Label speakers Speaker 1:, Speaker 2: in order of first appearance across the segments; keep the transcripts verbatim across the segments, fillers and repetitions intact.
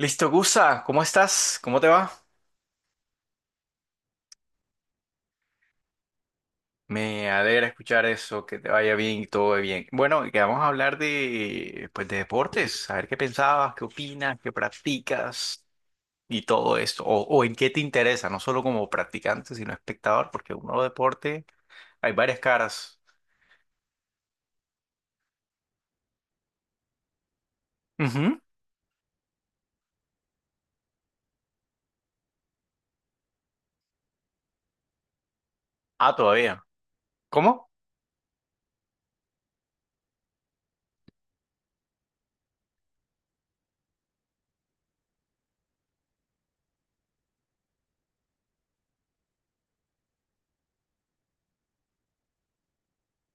Speaker 1: Listo, Gusa, ¿cómo estás? ¿Cómo te va? Me alegra escuchar eso, que te vaya bien y todo bien. Bueno, y que vamos a hablar de, pues, de deportes, a ver qué pensabas, qué opinas, qué practicas y todo esto, o, o en qué te interesa, no solo como practicante, sino espectador, porque uno deporte, hay varias caras. Ujú. Ah, todavía. ¿Cómo? O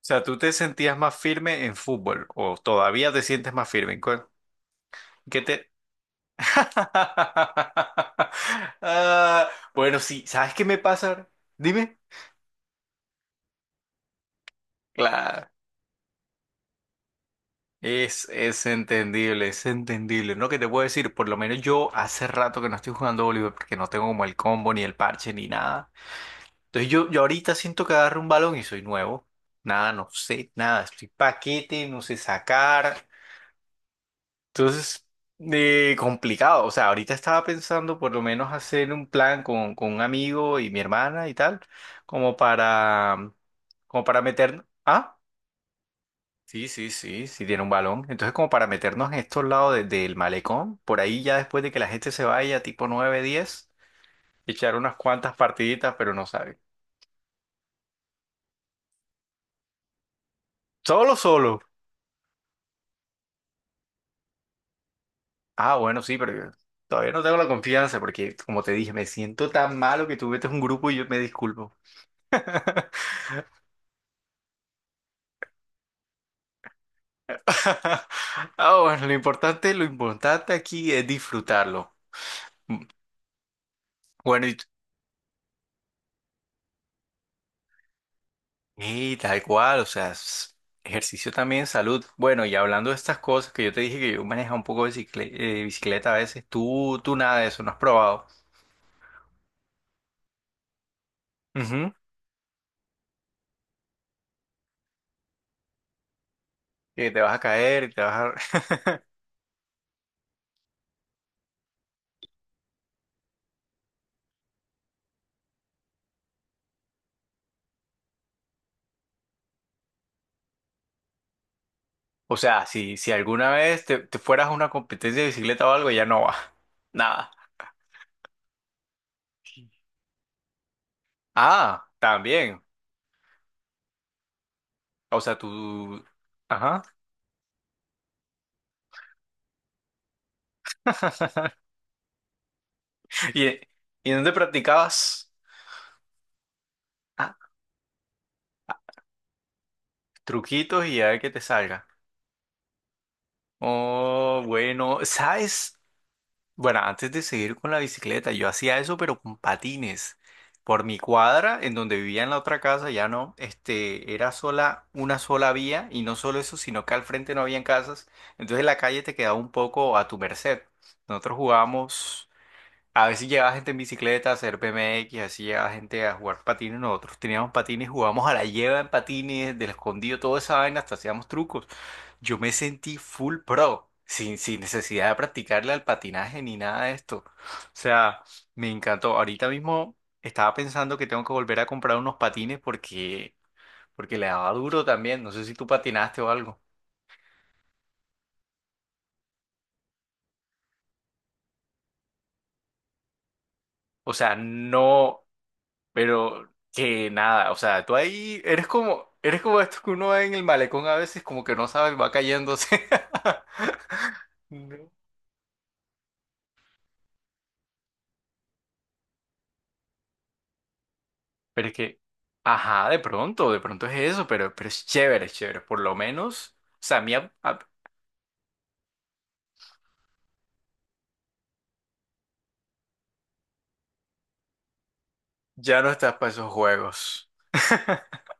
Speaker 1: sea, ¿tú te sentías más firme en fútbol o todavía te sientes más firme? ¿En cuál? ¿Qué te, Ah, bueno, sí, ¿sabes qué me pasa? Dime. Claro, es, es entendible, es entendible. No, que te puedo decir, por lo menos yo hace rato que no estoy jugando voleibol porque no tengo como el combo, ni el parche, ni nada. Entonces yo, yo ahorita siento que agarro un balón y soy nuevo. Nada, no sé, nada, estoy paquete, no sé sacar. Entonces, eh, complicado. O sea, ahorita estaba pensando por lo menos hacer un plan con, con un amigo y mi hermana y tal, como para, como para meter... Ah, sí, sí, sí, sí tiene un balón. Entonces, como para meternos en estos lados de- del malecón, por ahí ya después de que la gente se vaya, tipo nueve diez, echar unas cuantas partiditas, pero no sabe. Solo, solo. Ah, bueno, sí, pero yo todavía no tengo la confianza porque, como te dije, me siento tan malo que tú metes un grupo y yo me disculpo. Ah, bueno, lo importante, lo importante aquí es disfrutarlo. Mm. Bueno, y, y tal cual, o sea, s- ejercicio también, salud. Bueno, y hablando de estas cosas que yo te dije que yo manejo un poco de bicicle- eh, bicicleta a veces, tú, tú nada de eso, no has probado. Ujú. Que te vas a caer, y te vas a... O sea, si, si alguna vez te, te fueras a una competencia de bicicleta o algo, ya no vas. Nada. Ah, también. O sea, tú... Ajá. ¿Y, y dónde practicabas? Ah. Truquitos y a ver qué te salga. Oh, bueno, ¿sabes? Bueno, antes de seguir con la bicicleta, yo hacía eso, pero con patines. Por mi cuadra, en donde vivía en la otra casa, ya no, este, era sola, una sola vía, y no solo eso, sino que al frente no habían casas, entonces la calle te quedaba un poco a tu merced. Nosotros jugábamos, a veces llegaba gente en bicicleta a hacer B M X, así llegaba gente a jugar patines, nosotros teníamos patines, jugábamos a la lleva en patines, del escondido, toda esa vaina, hasta hacíamos trucos. Yo me sentí full pro, sin, sin necesidad de practicarle al patinaje ni nada de esto. O sea, me encantó. Ahorita mismo estaba pensando que tengo que volver a comprar unos patines porque, porque le daba duro también. No sé si tú patinaste o algo. O sea, no, pero que nada. O sea, tú ahí eres como, eres como esto que uno ve en el malecón a veces, como que no sabes, va cayéndose. Pero es que, ajá, de pronto, de pronto es eso, pero, pero es chévere, es chévere. Por lo menos, o sea, a mí a- a- ya no estás para esos juegos.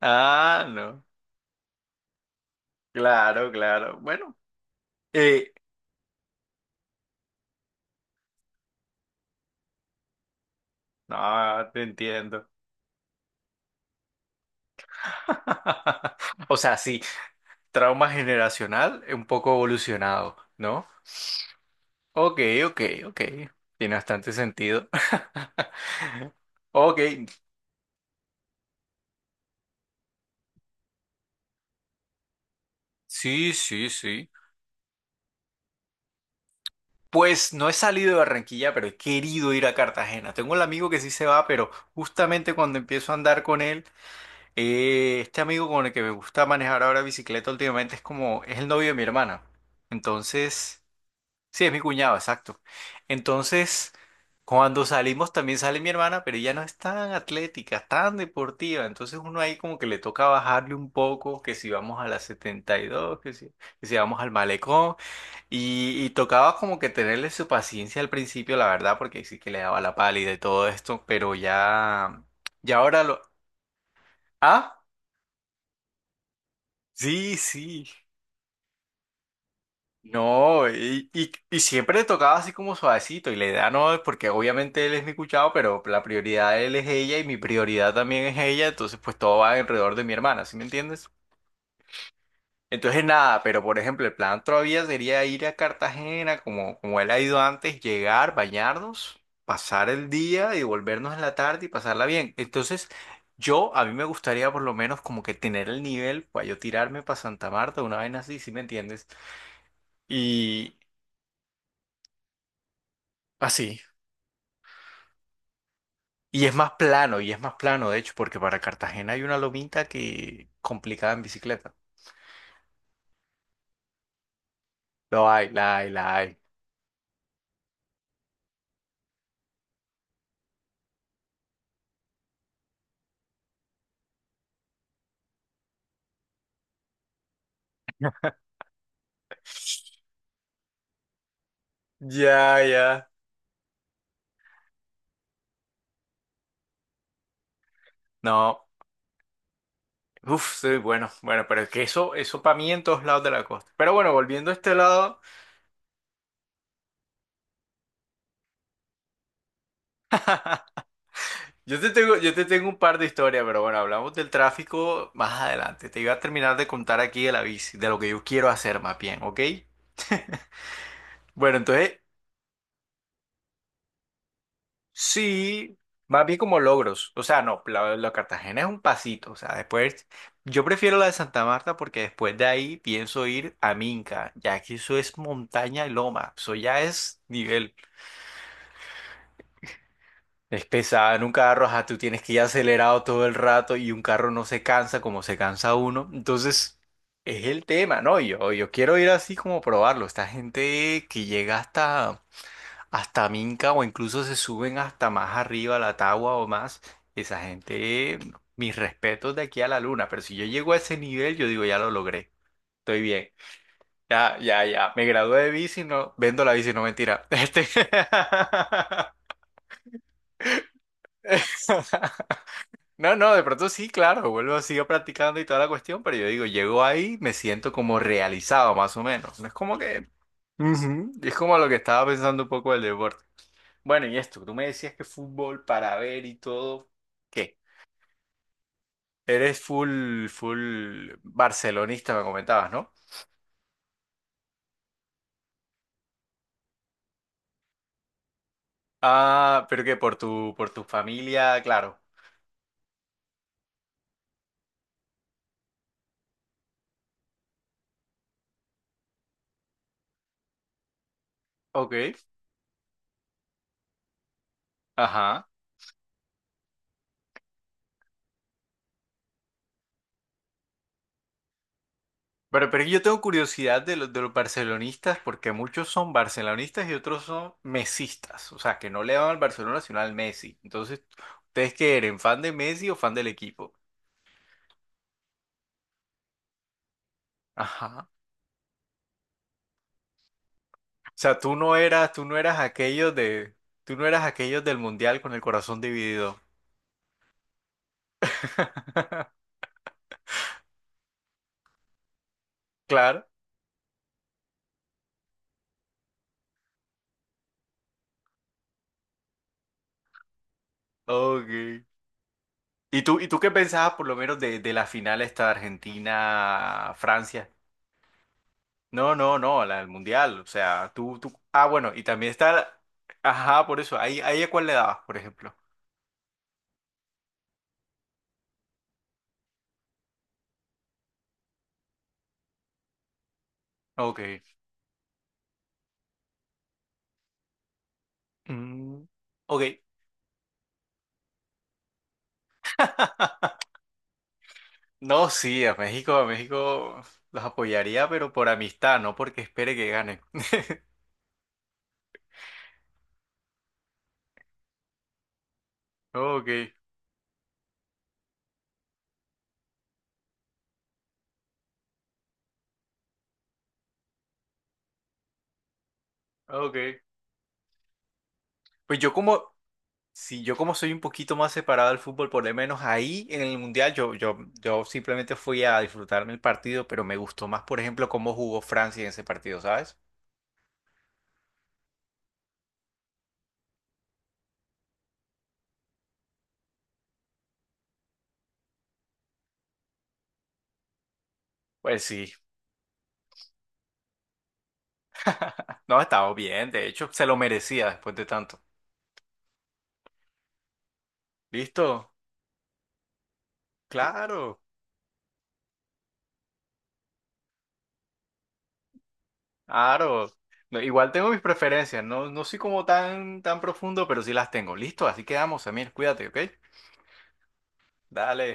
Speaker 1: Ah, no. Claro, claro. Bueno, eh, no, te entiendo. O sea, sí, trauma generacional eh, un poco evolucionado, ¿no? Ok, ok, ok. Tiene bastante sentido. Ok, sí, sí, sí. Pues no he salido de Barranquilla, pero he querido ir a Cartagena. Tengo un amigo que sí se va, pero justamente cuando empiezo a andar con él, eh, este amigo con el que me gusta manejar ahora bicicleta últimamente es como, es el novio de mi hermana. Entonces, sí, es mi cuñado, exacto. Entonces, cuando salimos también sale mi hermana, pero ella no es tan atlética, tan deportiva. Entonces uno ahí como que le toca bajarle un poco, que si vamos a la setenta y dos, que si, que si vamos al malecón. Y, y tocaba como que tenerle su paciencia al principio, la verdad, porque sí que le daba la pálida y todo esto, pero ya, ya ahora lo... Ah, sí, sí. No, y, y, y siempre le tocaba así como suavecito, y la idea no es porque obviamente él es mi cuchado, pero la prioridad de él es ella y mi prioridad también es ella, entonces pues todo va alrededor de mi hermana, ¿sí me entiendes? Entonces nada, pero por ejemplo, el plan todavía sería ir a Cartagena, como, como él ha ido antes, llegar, bañarnos, pasar el día y volvernos en la tarde y pasarla bien. Entonces, yo, a mí me gustaría por lo menos como que tener el nivel para yo tirarme para Santa Marta, una vaina así, si me entiendes? Y así. Y es más plano, y es más plano, de hecho, porque para Cartagena hay una lomita que complicada en bicicleta. Lo hay, la hay, la hay. Ya, ya. No. Uf, sí, bueno, bueno, pero es que eso, eso para mí en todos lados de la costa. Pero bueno, volviendo a este lado, yo te tengo, yo te tengo un par de historias, pero bueno, hablamos del tráfico más adelante. Te iba a terminar de contar aquí de la bici, de lo que yo quiero hacer más bien, ¿ok? Bueno, entonces, sí, más bien como logros. O sea, no, la, la Cartagena es un pasito. O sea, después, yo prefiero la de Santa Marta porque después de ahí pienso ir a Minca, ya que eso es montaña y loma. Eso ya es nivel. Es pesada en un carro, ajá, tú tienes que ir acelerado todo el rato y un carro no se cansa como se cansa uno. Entonces, es el tema, ¿no? Yo, yo quiero ir así como probarlo. Esta gente que llega hasta, hasta Minca o incluso se suben hasta más arriba a la Tagua o más, esa gente, mis respetos de aquí a la luna. Pero si yo llego a ese nivel, yo digo, ya lo logré, estoy bien. Ya, ya, ya, me gradué de bici, no, vendo la bici, no mentira. Este... No, no, de pronto sí, claro, vuelvo, sigo practicando y toda la cuestión, pero yo digo, llego ahí, me siento como realizado más o menos. No es como que... Ujú. Es como lo que estaba pensando un poco del deporte. Bueno, y esto, tú me decías que fútbol para ver y todo, ¿qué? Eres full, full barcelonista, me comentabas, ¿no? Ah, pero que por tu, por tu familia, claro. Ok. Ajá. Pero, pero yo tengo curiosidad de los, de los barcelonistas porque muchos son barcelonistas y otros son mesistas. O sea, que no le van al Barcelona sino al Messi. Entonces, ¿ustedes qué eran? ¿Fan de Messi o fan del equipo? Ajá. O sea, tú no eras, tú no eras aquellos de, tú no eras aquellos del Mundial con el corazón dividido. Claro. Ok. ¿Y tú, y tú qué pensabas por lo menos de, de la final esta de Argentina-Francia? No, no, no, la del mundial, o sea, tú, tú, ah, bueno, y también está, la- ajá, por eso, ahí, ahí a cuál le dabas, por ejemplo. Ok. Mm, ok. No, sí, a México, a México los apoyaría, pero por amistad, no porque espere que ganen. Ok, ok. Pues yo como, si yo como soy un poquito más separado del fútbol, por lo menos ahí en el Mundial, yo, yo, yo simplemente fui a disfrutarme el partido, pero me gustó más, por ejemplo, cómo jugó Francia en ese partido, ¿sabes? Pues sí. No, estaba bien, de hecho, se lo merecía después de tanto. ¿Listo? Claro, claro. No, igual tengo mis preferencias, no, no soy como tan, tan profundo, pero sí las tengo. ¿Listo? Así quedamos, Samir, cuídate, ¿ok? Dale.